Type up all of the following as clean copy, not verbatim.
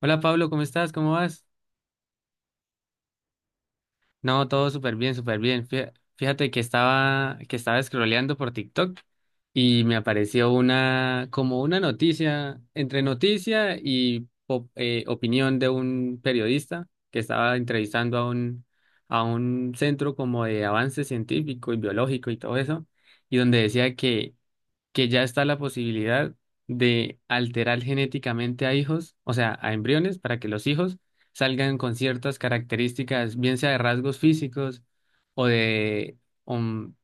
Hola Pablo, ¿cómo estás? ¿Cómo vas? No, todo súper bien, súper bien. Fíjate que estaba scrolleando por TikTok y me apareció una, como una noticia, entre noticia y opinión de un periodista que estaba entrevistando a un centro como de avance científico y biológico y todo eso, y donde decía que ya está la posibilidad de alterar genéticamente a hijos, o sea, a embriones, para que los hijos salgan con ciertas características, bien sea de rasgos físicos o de, um,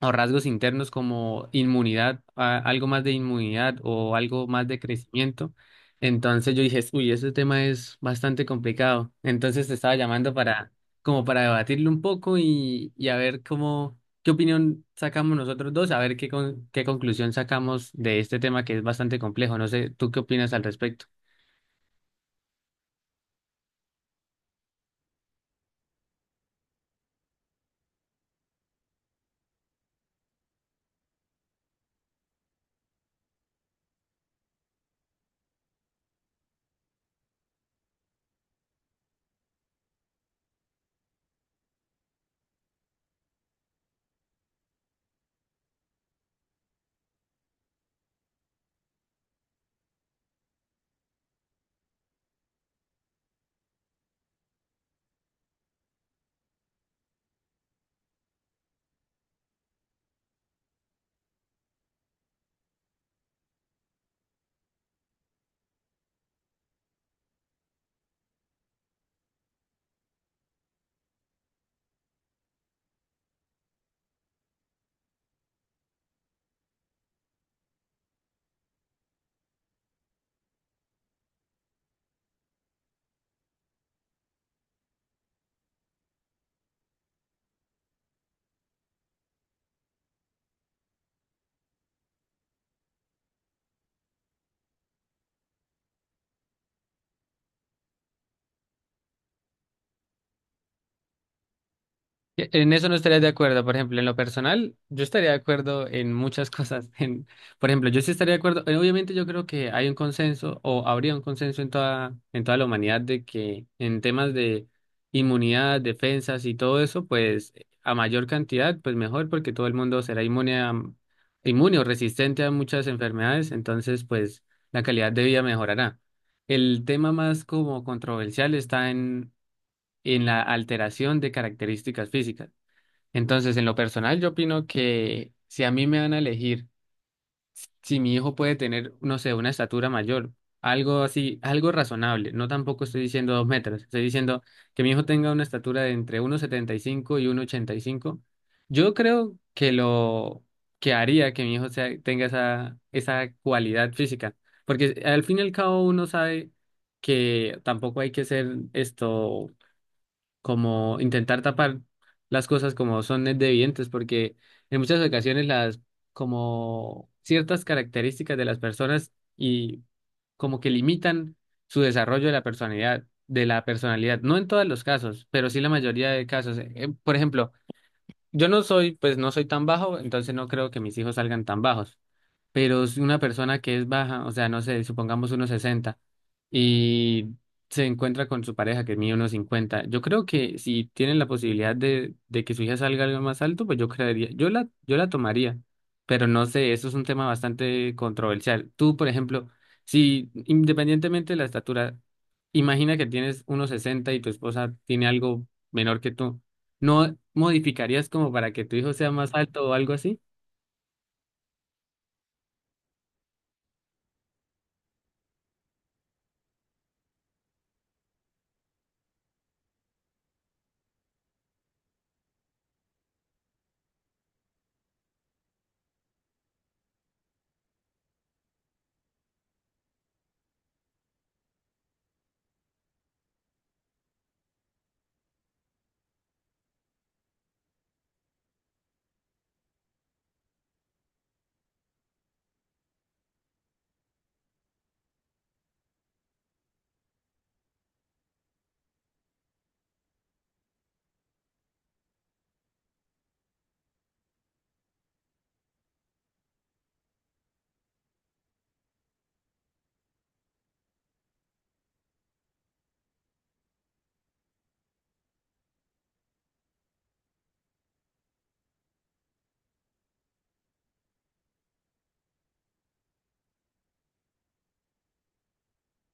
o rasgos internos como inmunidad, algo más de inmunidad o algo más de crecimiento. Entonces yo dije, uy, ese tema es bastante complicado. Entonces te estaba llamando para, como para debatirlo un poco y a ver cómo, qué opinión sacamos nosotros dos, a ver qué, qué conclusión sacamos de este tema que es bastante complejo. No sé, ¿tú qué opinas al respecto? En eso no estaría de acuerdo, por ejemplo, en lo personal, yo estaría de acuerdo en muchas cosas. En, por ejemplo, yo sí estaría de acuerdo, obviamente yo creo que hay un consenso o habría un consenso en toda la humanidad de que en temas de inmunidad, defensas y todo eso, pues a mayor cantidad, pues mejor porque todo el mundo será inmune a, inmune o resistente a muchas enfermedades, entonces pues la calidad de vida mejorará. El tema más como controversial está en la alteración de características físicas. Entonces, en lo personal, yo opino que si a mí me van a elegir, si mi hijo puede tener, no sé, una estatura mayor, algo así, algo razonable, no tampoco estoy diciendo 2 metros, estoy diciendo que mi hijo tenga una estatura de entre 1,75 y 1,85. Yo creo que lo que haría que mi tenga esa, esa cualidad física, porque al fin y al cabo uno sabe que tampoco hay que ser esto como intentar tapar las cosas como son evidentes, porque en muchas ocasiones las como ciertas características de las personas y como que limitan su desarrollo de la personalidad, no en todos los casos, pero sí la mayoría de casos. Por ejemplo, yo no soy, pues no soy tan bajo, entonces no creo que mis hijos salgan tan bajos, pero es una persona que es baja, o sea, no sé, supongamos unos 60 y se encuentra con su pareja que mide unos 50. Yo creo que si tienen la posibilidad de que su hija salga algo más alto, pues yo creería, yo la, yo la tomaría, pero no sé, eso es un tema bastante controversial. Tú, por ejemplo, si independientemente de la estatura, imagina que tienes unos 60 y tu esposa tiene algo menor que tú, ¿no modificarías como para que tu hijo sea más alto o algo así?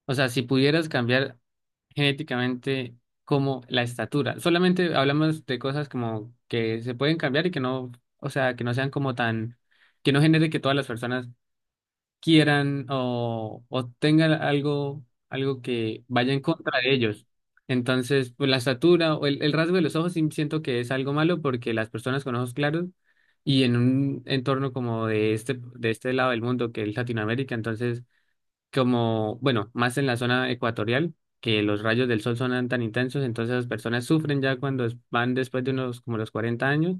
O sea, si pudieras cambiar genéticamente como la estatura, solamente hablamos de cosas como que se pueden cambiar y que no, o sea, que no sean como tan, que no genere que todas las personas quieran o tengan algo, algo que vaya en contra de ellos. Entonces, pues la estatura o el rasgo de los ojos sí siento que es algo malo porque las personas con ojos claros y en un entorno como de este lado del mundo que es Latinoamérica, entonces como, bueno, más en la zona ecuatorial, que los rayos del sol son tan intensos, entonces las personas sufren ya cuando van después de unos como los 40 años,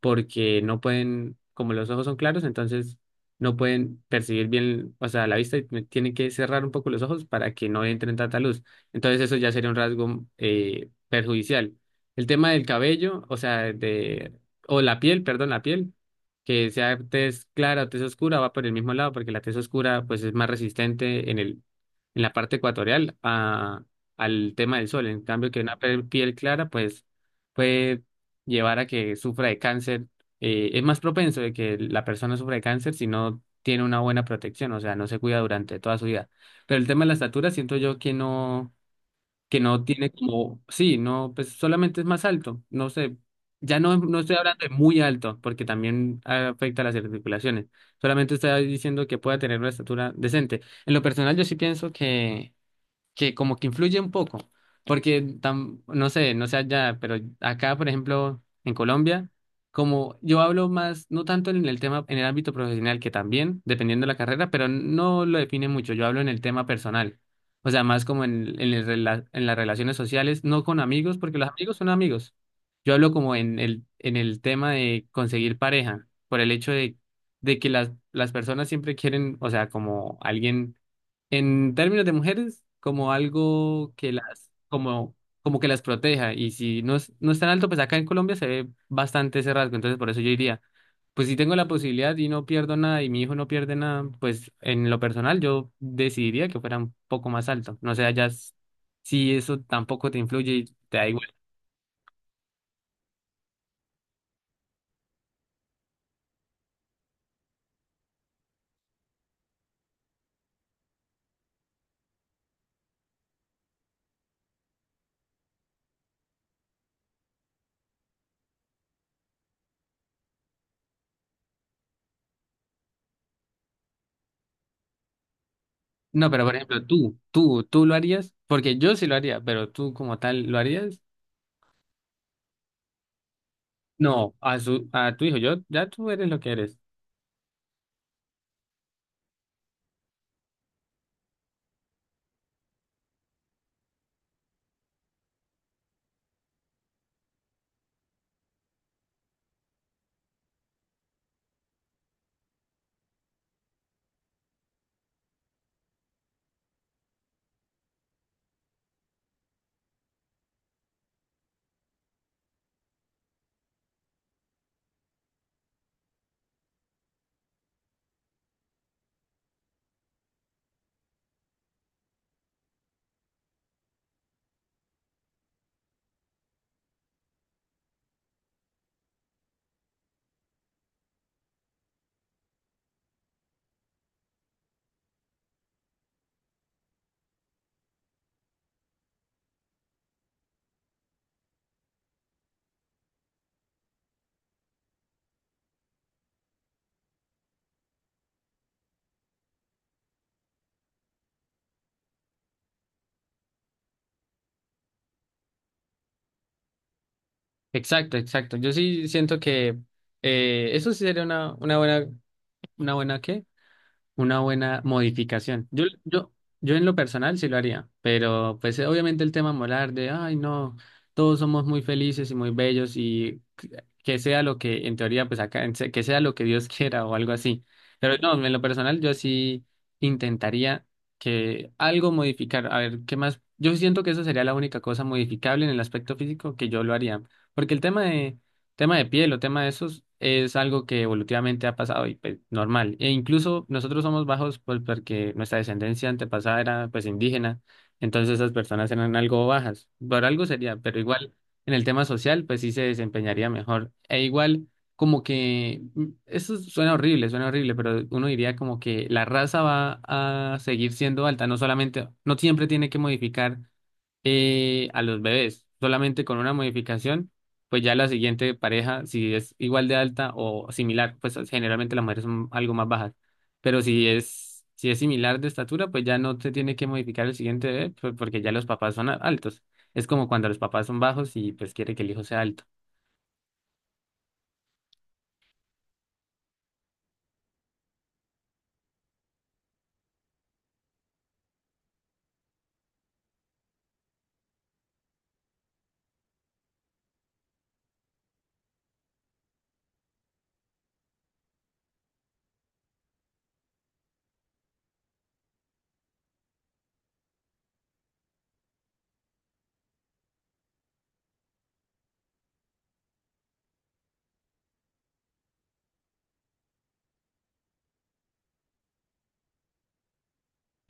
porque no pueden, como los ojos son claros, entonces no pueden percibir bien, o sea, la vista y tienen que cerrar un poco los ojos para que no entren tanta luz. Entonces eso ya sería un rasgo perjudicial. El tema del cabello, o sea, de, o la piel, perdón, la piel que sea tez clara o tez oscura, va por el mismo lado, porque la tez oscura pues es más resistente en el, en la parte ecuatorial a, al tema del sol. En cambio, que una piel clara pues puede llevar a que sufra de cáncer. Es más propenso de que la persona sufra de cáncer si no tiene una buena protección, o sea, no se cuida durante toda su vida. Pero el tema de la estatura, siento yo que no, que no tiene como, sí, no, pues solamente es más alto, no sé, ya no, no estoy hablando de muy alto, porque también afecta a las articulaciones, solamente estoy diciendo que pueda tener una estatura decente. En lo personal, yo sí pienso que como que influye un poco, porque no sé, no sé allá, pero acá, por ejemplo, en Colombia, como yo hablo más, no tanto en el tema, en el ámbito profesional, que también, dependiendo de la carrera, pero no lo define mucho, yo hablo en el tema personal, o sea, más como en, el en las relaciones sociales, no con amigos, porque los amigos son amigos, yo hablo como en el tema de conseguir pareja, por el hecho de que las personas siempre quieren, o sea, como alguien en términos de mujeres, como algo que las, como, como que las proteja. Y si no es, no es tan alto, pues acá en Colombia se ve bastante ese rasgo. Entonces, por eso yo diría, pues si tengo la posibilidad y no pierdo nada y mi hijo no pierde nada, pues en lo personal yo decidiría que fuera un poco más alto. No sé, allá si eso tampoco te influye y te da igual. No, pero por ejemplo, tú lo harías, porque yo sí lo haría, pero tú como tal, ¿lo harías? No, a su, a tu hijo, yo, ya tú eres lo que eres. Exacto, exacto. Yo sí siento que eso sí sería una buena ¿qué? Una buena modificación. Yo en lo personal sí lo haría, pero pues obviamente el tema molar de, ay no, todos somos muy felices y muy bellos y que sea lo que en teoría, pues acá, que sea lo que Dios quiera o algo así. Pero no, en lo personal yo sí intentaría que algo modificar. A ver, ¿qué más? Yo siento que eso sería la única cosa modificable en el aspecto físico que yo lo haría. Porque el tema de tema de piel o tema de esos es algo que evolutivamente ha pasado y pues, normal. E incluso nosotros somos bajos pues, porque nuestra descendencia antepasada era pues indígena, entonces esas personas eran algo bajas. Por algo sería, pero igual en el tema social pues sí se desempeñaría mejor. E igual como que eso suena horrible, pero uno diría como que la raza va a seguir siendo alta, no solamente, no siempre tiene que modificar a los bebés, solamente con una modificación pues ya la siguiente pareja, si es igual de alta o similar, pues generalmente las mujeres son algo más bajas, pero si es, si es similar de estatura, pues ya no se tiene que modificar el siguiente bebé, pues, porque ya los papás son altos. Es como cuando los papás son bajos y pues quiere que el hijo sea alto.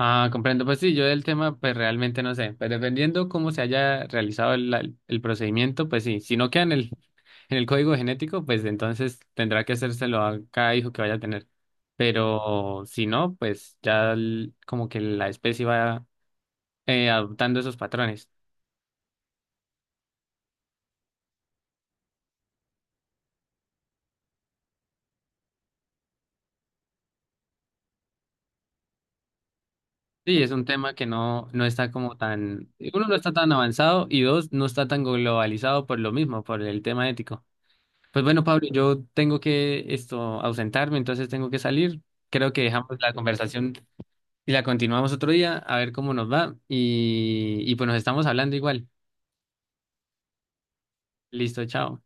Ah, comprendo. Pues sí, yo del tema, pues realmente no sé. Pero dependiendo cómo se haya realizado el, el procedimiento, pues sí. Si no queda en el, en el código genético, pues entonces tendrá que hacérselo a cada hijo que vaya a tener. Pero si no, pues ya como que la especie va adoptando esos patrones. Sí, es un tema que no, no está como tan, uno, no está tan avanzado y dos, no está tan globalizado por lo mismo, por el tema ético. Pues bueno, Pablo, yo tengo que esto ausentarme, entonces tengo que salir. Creo que dejamos la conversación y la continuamos otro día, a ver cómo nos va. Y pues nos estamos hablando igual. Listo, chao.